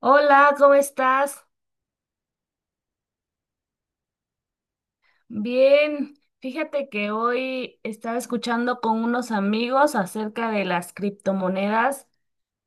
Hola, ¿cómo estás? Bien, fíjate que hoy estaba escuchando con unos amigos acerca de las criptomonedas,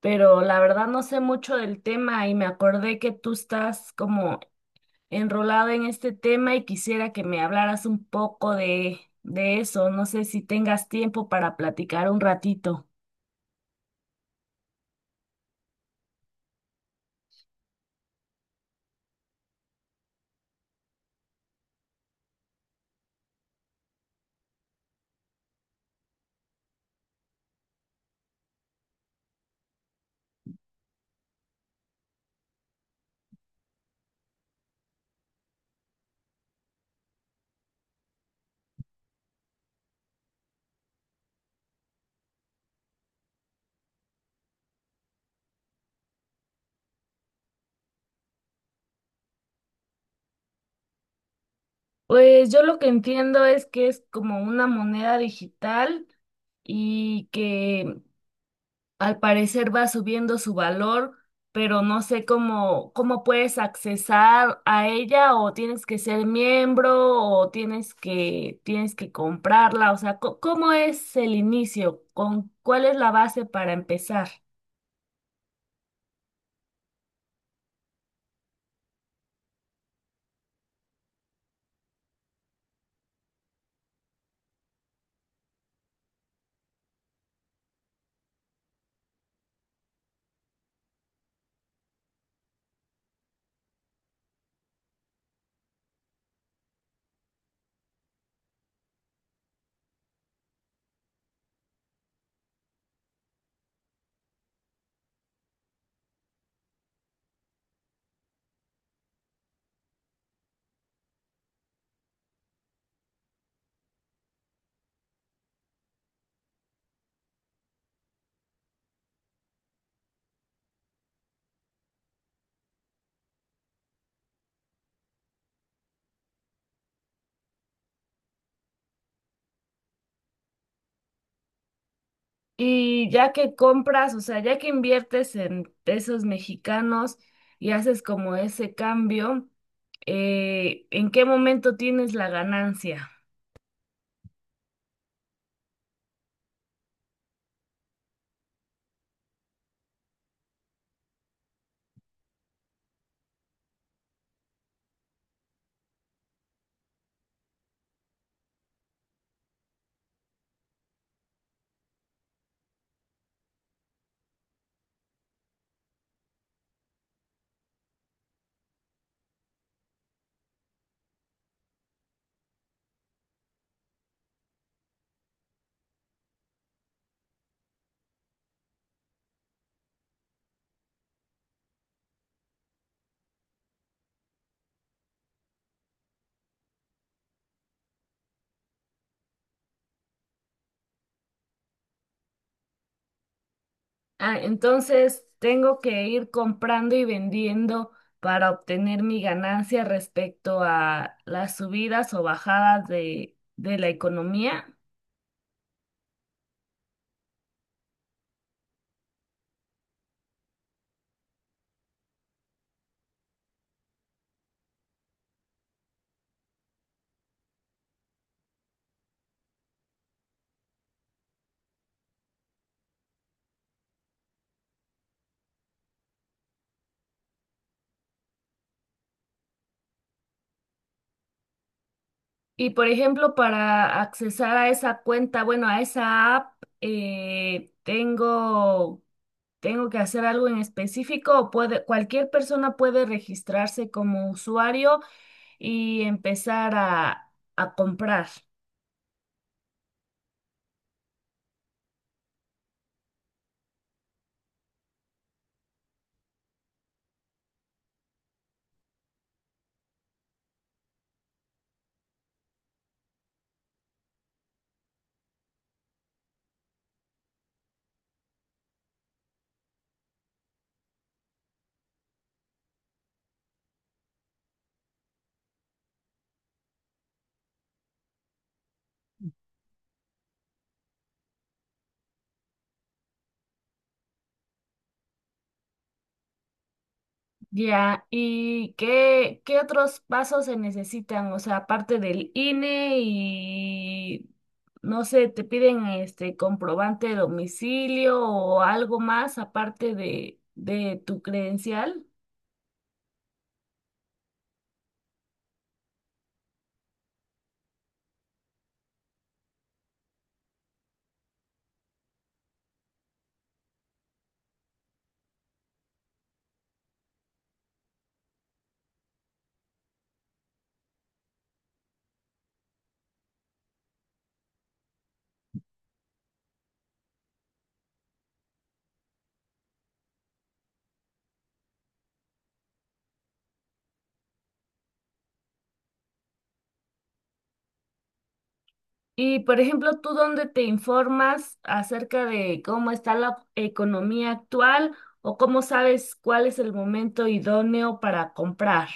pero la verdad no sé mucho del tema y me acordé que tú estás como enrolado en este tema y quisiera que me hablaras un poco de eso. No sé si tengas tiempo para platicar un ratito. Pues yo lo que entiendo es que es como una moneda digital y que al parecer va subiendo su valor, pero no sé cómo puedes accesar a ella o tienes que ser miembro o tienes que comprarla, o sea, ¿cómo es el inicio? ¿Con cuál es la base para empezar? Y ya que compras, o sea, ya que inviertes en pesos mexicanos y haces como ese cambio, ¿en qué momento tienes la ganancia? Ah, entonces tengo que ir comprando y vendiendo para obtener mi ganancia respecto a las subidas o bajadas de la economía. Y por ejemplo, para accesar a esa cuenta, bueno, a esa app, eh, tengo, tengo que hacer algo en específico o puede, cualquier persona puede registrarse como usuario y empezar a comprar. Ya, ¿y qué otros pasos se necesitan? O sea, aparte del INE y, no sé, te piden este comprobante de domicilio o algo más aparte de tu credencial. Y, por ejemplo, ¿tú dónde te informas acerca de cómo está la economía actual o cómo sabes cuál es el momento idóneo para comprar?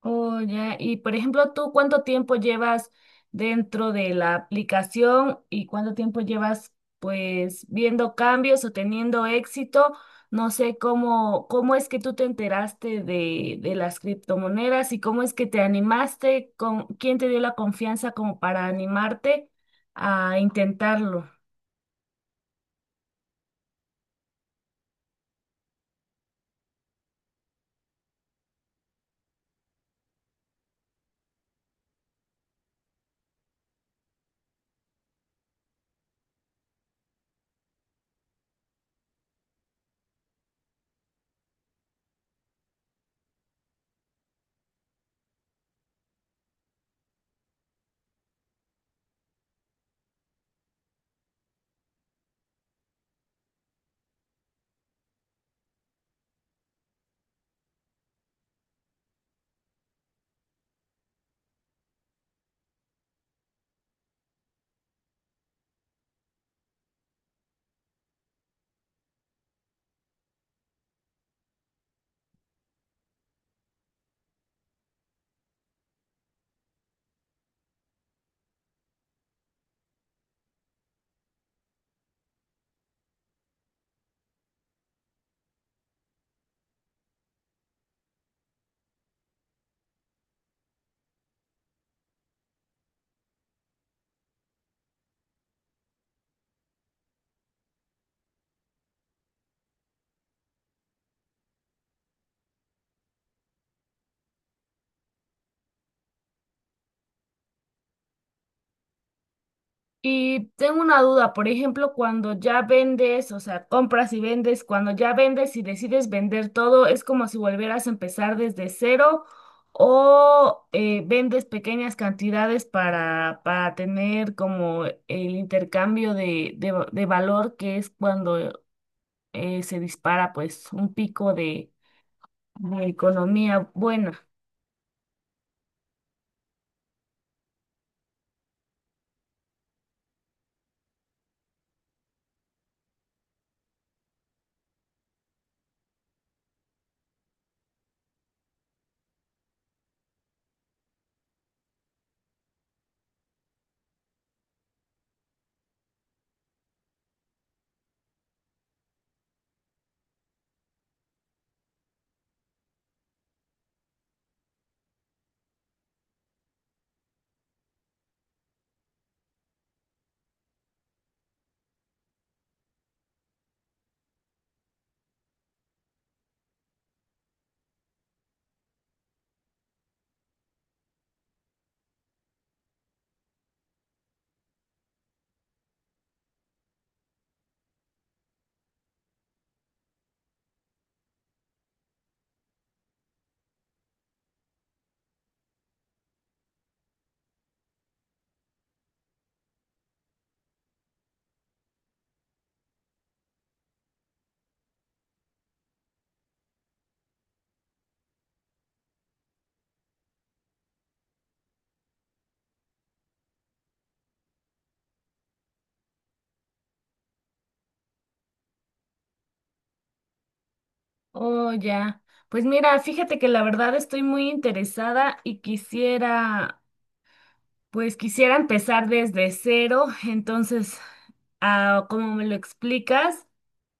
Oh, ya. Y por ejemplo, ¿tú cuánto tiempo llevas dentro de la aplicación y cuánto tiempo llevas pues viendo cambios o teniendo éxito? No sé cómo es que tú te enteraste de las criptomonedas y cómo es que te animaste, con quién te dio la confianza como para animarte a intentarlo. Y tengo una duda, por ejemplo, cuando ya vendes, o sea, compras y vendes, cuando ya vendes y decides vender todo, ¿es como si volvieras a empezar desde cero o vendes pequeñas cantidades para tener como el intercambio de, de valor que es cuando se dispara pues un pico de economía buena? Oh, ya. Pues mira, fíjate que la verdad estoy muy interesada y quisiera pues quisiera empezar desde cero, entonces, ah, como me lo explicas,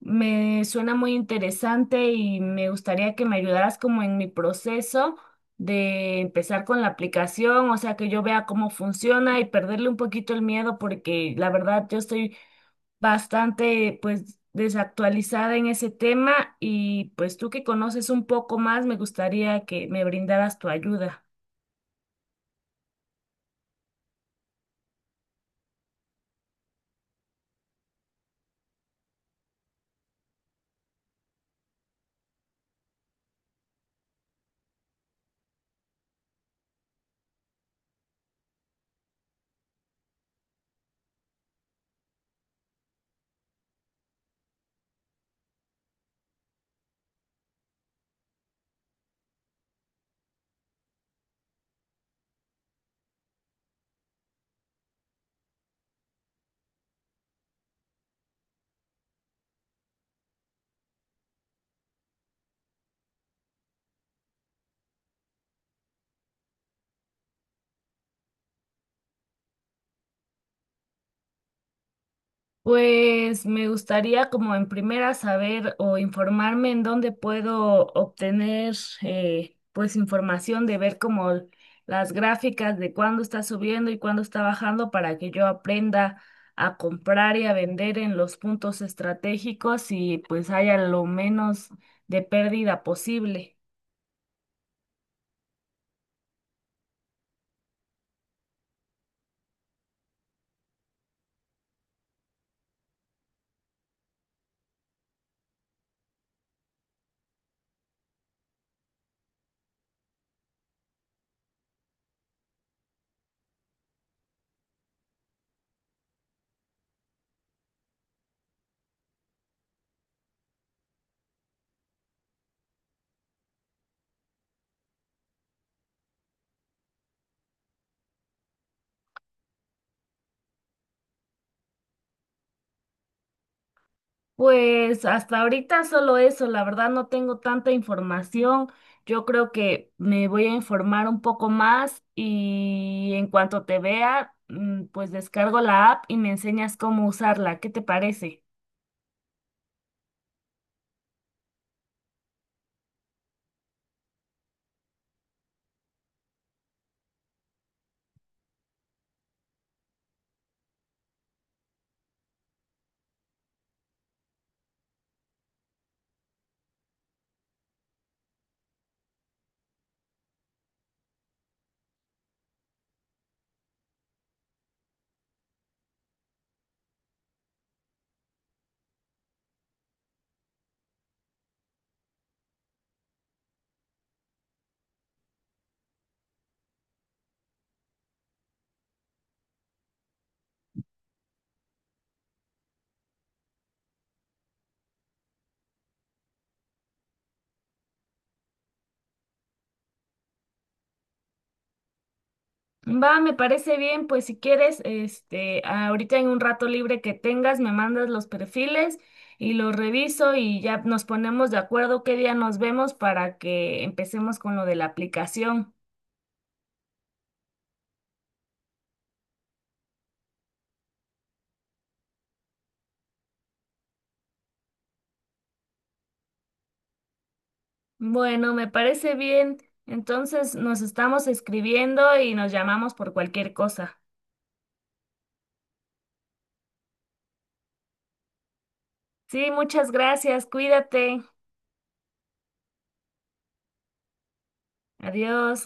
me suena muy interesante y me gustaría que me ayudaras como en mi proceso de empezar con la aplicación, o sea, que yo vea cómo funciona y perderle un poquito el miedo, porque la verdad yo estoy bastante, pues, desactualizada en ese tema y pues tú que conoces un poco más, me gustaría que me brindaras tu ayuda. Pues me gustaría como en primera saber o informarme en dónde puedo obtener pues información de ver como las gráficas de cuándo está subiendo y cuándo está bajando para que yo aprenda a comprar y a vender en los puntos estratégicos y pues haya lo menos de pérdida posible. Pues hasta ahorita solo eso, la verdad no tengo tanta información. Yo creo que me voy a informar un poco más y en cuanto te vea, mm, pues descargo la app y me enseñas cómo usarla. ¿Qué te parece? Va, me parece bien, pues si quieres, este, ahorita en un rato libre que tengas, me mandas los perfiles y los reviso y ya nos ponemos de acuerdo qué día nos vemos para que empecemos con lo de la aplicación. Bueno, me parece bien. Entonces nos estamos escribiendo y nos llamamos por cualquier cosa. Sí, muchas gracias. Cuídate. Adiós.